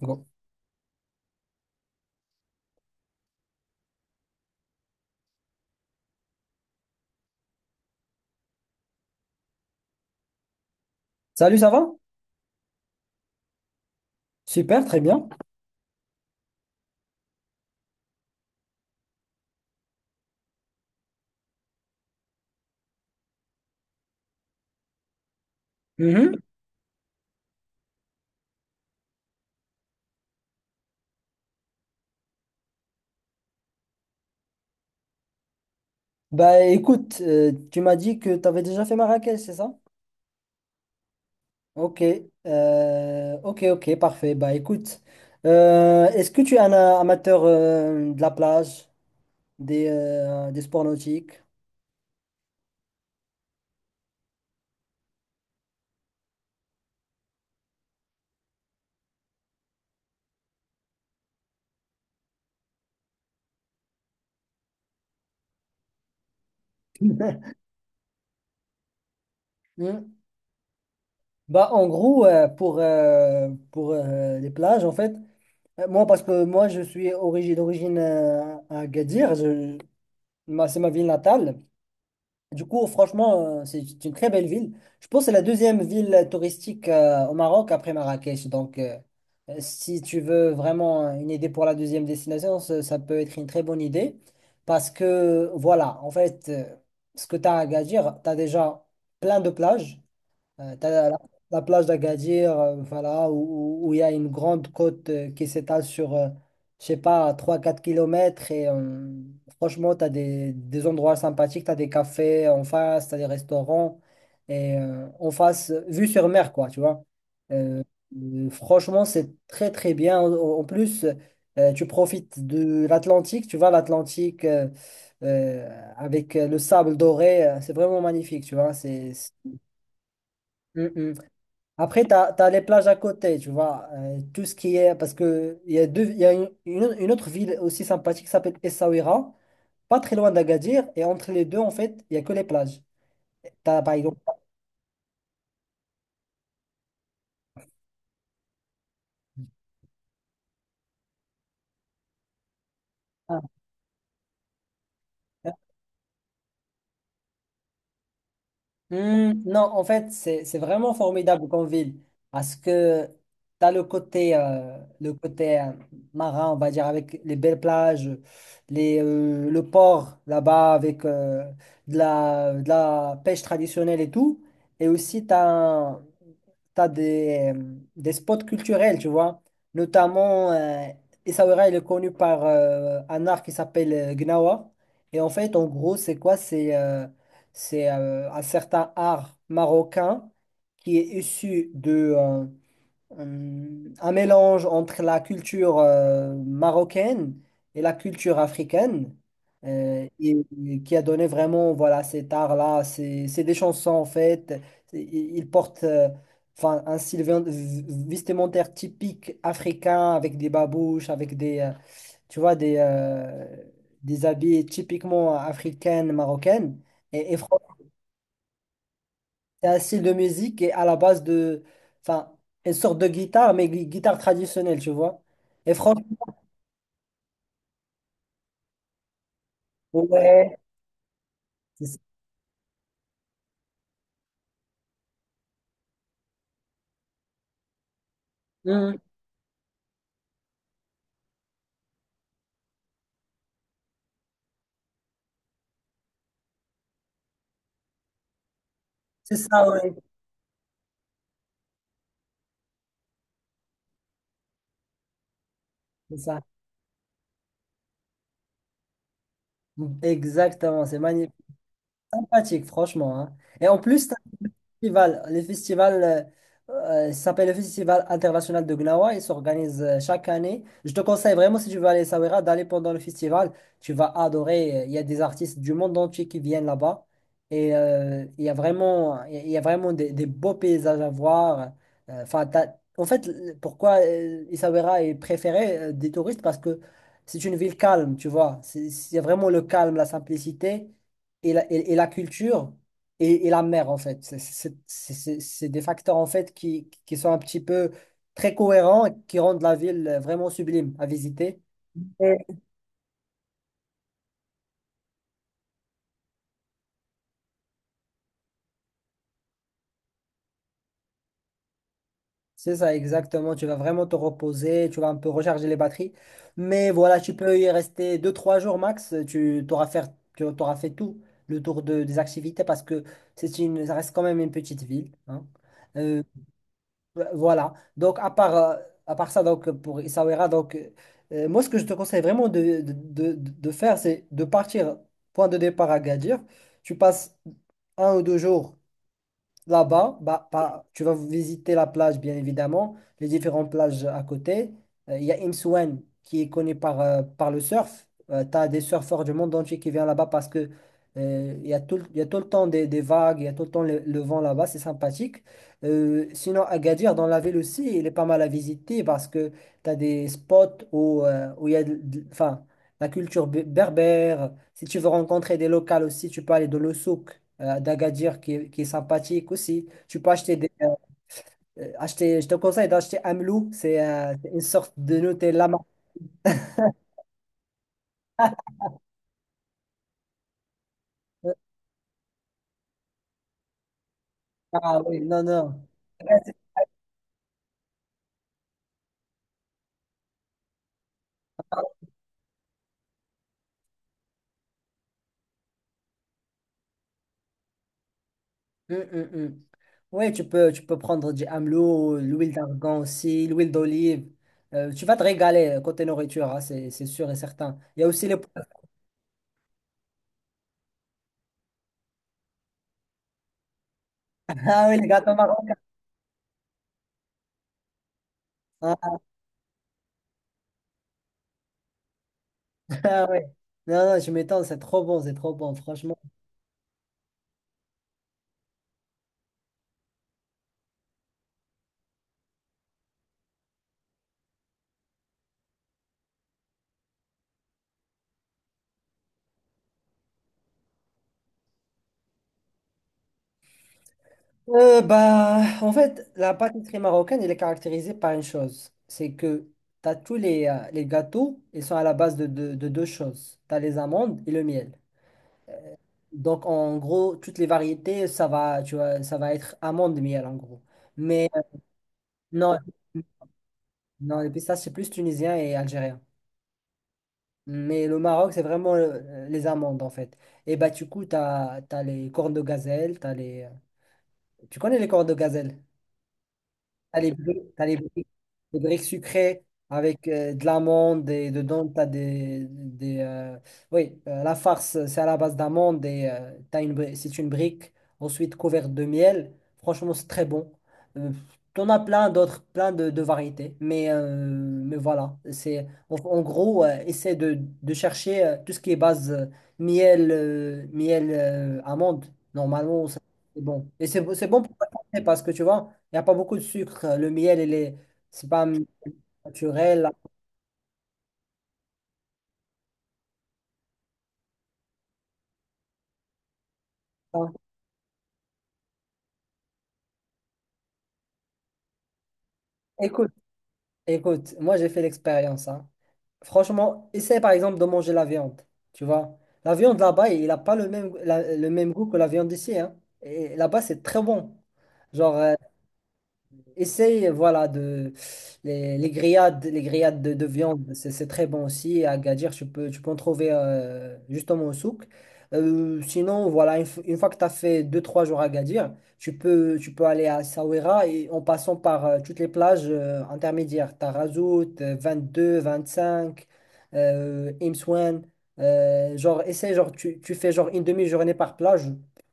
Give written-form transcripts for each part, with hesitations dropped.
Bon. Salut, ça va? Super, très bien. Mhm. Bah écoute, tu m'as dit que tu avais déjà fait Marrakech, c'est ça? Ok, ok, ok, parfait. Bah écoute, est-ce que tu es un amateur de la plage, des sports nautiques? Hmm. Bah, en gros, pour les plages, en fait, moi, parce que moi, je suis d'origine à Agadir, c'est ma ville natale. Du coup, franchement, c'est une très belle ville. Je pense que c'est la deuxième ville touristique au Maroc après Marrakech. Donc, si tu veux vraiment une idée pour la deuxième destination, ça peut être une très bonne idée. Parce que, voilà, en fait, ce que tu as à Agadir, tu as déjà plein de plages. T'as la plage d'Agadir, voilà, où il y a une grande côte qui s'étale sur, je sais pas, trois quatre kilomètres. Et franchement, tu as des endroits sympathiques, tu as des cafés en face, tu as des restaurants. Et en face, vue sur mer, quoi, tu vois. Euh, Franchement, c'est très, très bien. En plus, tu profites de l'Atlantique, tu vois, l'Atlantique euh, avec le sable doré, c'est vraiment magnifique, tu vois. Mm, mm. Après, tu as, les plages à côté, tu vois. Tout ce qui est. Parce que il y a une autre ville aussi sympathique qui s'appelle Essaouira, pas très loin d'Agadir. Et entre les deux, en fait, il n'y a que les plages. Tu as, par exemple. Hmm, non, en fait, c'est vraiment formidable comme ville parce que tu as le côté marin, on va dire, avec les belles plages, les, le port là-bas avec de la pêche traditionnelle et tout. Et aussi, tu as, des spots culturels, tu vois. Notamment, Essaouira, il est connu par un art qui s'appelle Gnawa. Et en fait, en gros, c'est quoi? C'est un certain art marocain qui est issu de euh, un mélange entre la culture marocaine et la culture africaine euh, et, et qui a donné vraiment voilà cet art-là. C'est des chansons en fait. Ils portent enfin un style vestimentaire typique africain avec des babouches, avec des tu vois des habits typiquement africaines, marocaines. Et, et c'est un style de musique et à la base de, enfin, une sorte de guitare, mais guitare traditionnelle, tu vois. Et franchement, ouais, c'est ça. Mhm. C'est ça, ouais, c'est ça. Mmh. Exactement, c'est magnifique, sympathique, franchement, hein. Et en plus, festival, le festival ça s'appelle le Festival international de Gnawa. Il s'organise chaque année. Je te conseille vraiment, si tu veux aller à Essaouira, d'aller pendant le festival. Tu vas adorer. Il y a des artistes du monde entier qui viennent là-bas. Et il y a vraiment, il y a vraiment des beaux paysages à voir. Enfin, en fait, pourquoi Essaouira est préféré des touristes? Parce que c'est une ville calme, tu vois. C'est vraiment le calme, la simplicité et la culture et la mer, en fait. C'est c'est des facteurs, en fait, qui sont un petit peu très cohérents et qui rendent la ville vraiment sublime à visiter. Ouais. C'est ça, exactement. Tu vas vraiment te reposer, tu vas un peu recharger les batteries. Mais voilà, tu peux y rester deux trois jours max. Tu t'auras fait tout le tour de, des activités parce que c'est une, ça reste quand même une petite ville, hein. Euh, Voilà. Donc, à part ça, donc, pour Essaouira, donc, moi, ce que je te conseille vraiment de faire, c'est de partir, point de départ à Gadir. Tu passes un ou deux jours là-bas, bah, bah, tu vas visiter la plage, bien évidemment, les différentes plages à côté. Il y a Imsouane qui est connu par, par le surf. Tu as des surfeurs du monde entier qui viennent là-bas parce que il y a tout, il y a tout le temps des vagues, il y a tout le temps le vent là-bas, c'est sympathique. Sinon, Agadir, dans la ville aussi, il est pas mal à visiter parce que tu as des spots où, où il y a enfin, la culture berbère. Si tu veux rencontrer des locales aussi, tu peux aller dans le souk d'Agadir qui est sympathique aussi. Tu peux acheter des. Acheter, je te conseille d'acheter Amlou, c'est une sorte de Nutella. Euh, Ah oui, non, non. Ouais, hum. Ouais, tu peux prendre du Amlou, l'huile d'argan aussi, l'huile d'olive. Tu vas te régaler côté nourriture, hein, c'est sûr et certain. Il y a aussi les. Ah oui, les gâteaux marocains. Ah, ah, ouais. Non, non, je m'étonne, c'est trop bon, franchement. Bah, en fait, la pâtisserie marocaine, elle est caractérisée par une chose, c'est que tu as tous les gâteaux, ils sont à la base de, de deux choses. Tu as les amandes et le miel. Donc, en gros, toutes les variétés, ça va, tu vois, ça va être amande-miel, en gros. Mais non, non, les pistaches, c'est plus tunisien et algérien. Mais le Maroc, c'est vraiment les amandes, en fait. Et bah, du coup, tu as, les cornes de gazelle, t'as les... Tu connais les cornes de gazelle? T'as les briques sucrées avec de l'amande et dedans t'as des oui la farce c'est à la base d'amande et t'as une c'est une brique ensuite couverte de miel. Franchement c'est très bon. Euh, T'en as plein d'autres plein de variétés mais voilà c'est en, en gros essaie de chercher tout ce qui est base miel miel amande normalement ça, c'est bon et c'est bon pour la santé parce que tu vois il n'y a pas beaucoup de sucre. Le miel, il est, c'est pas naturel, hein. Écoute, écoute, moi j'ai fait l'expérience, hein. Franchement, essaie par exemple de manger la viande. Tu vois, la viande là-bas, il n'a pas le même, le même goût que la viande d'ici, hein. Et là-bas, c'est très bon. Genre, Essaye, voilà, de, les grillades de viande, c'est très bon aussi. À Gadir, tu peux en trouver justement au souk. Sinon, voilà, une, une fois que tu as fait deux trois jours à Gadir, tu peux aller à Essaouira et en passant par toutes les plages intermédiaires. Tu as Razout, 22, 25, Imsouane. Genre, essaye, genre, tu fais genre une demi-journée par plage.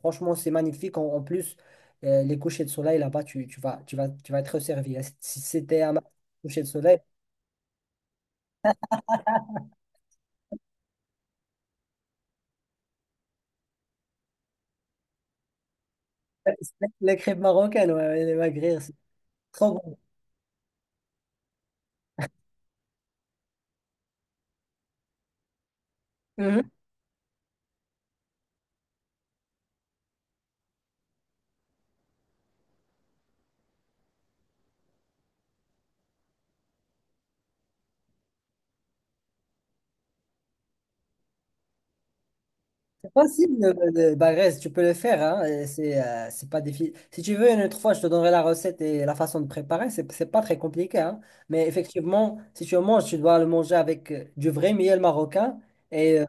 Franchement, c'est magnifique. En plus, les couchers de soleil là-bas, tu vas, tu vas, tu vas être servi, hein. Si c'était un coucher de soleil, c'est les crêpes marocaines, ouais, ouais, les magrires, c'est trop bon. Mhm. C'est facile, le Bagrez, tu peux le faire, hein, et c'est pas difficile. Si tu veux, une autre fois, je te donnerai la recette et la façon de préparer, c'est pas très compliqué, hein. Mais effectivement, si tu le manges, tu dois le manger avec du vrai miel marocain et, euh,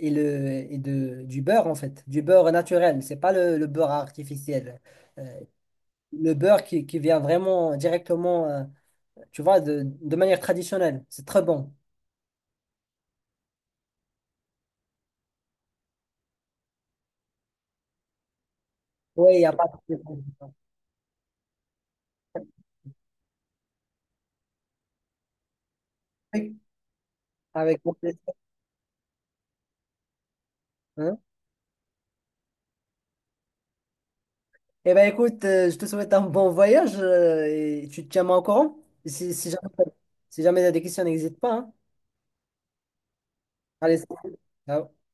et, le, et de, du beurre, en fait, du beurre naturel, c'est pas le beurre artificiel. Euh, le beurre qui vient vraiment directement, tu vois, de manière traditionnelle. C'est très bon. Oui, il n'y a pas de... Avec mon plaisir. Hein? Eh bien, écoute, je te souhaite un bon voyage et tu te tiens au courant. Si, si jamais, si jamais tu as des questions, n'hésite pas, hein. Allez, salut. Ciao.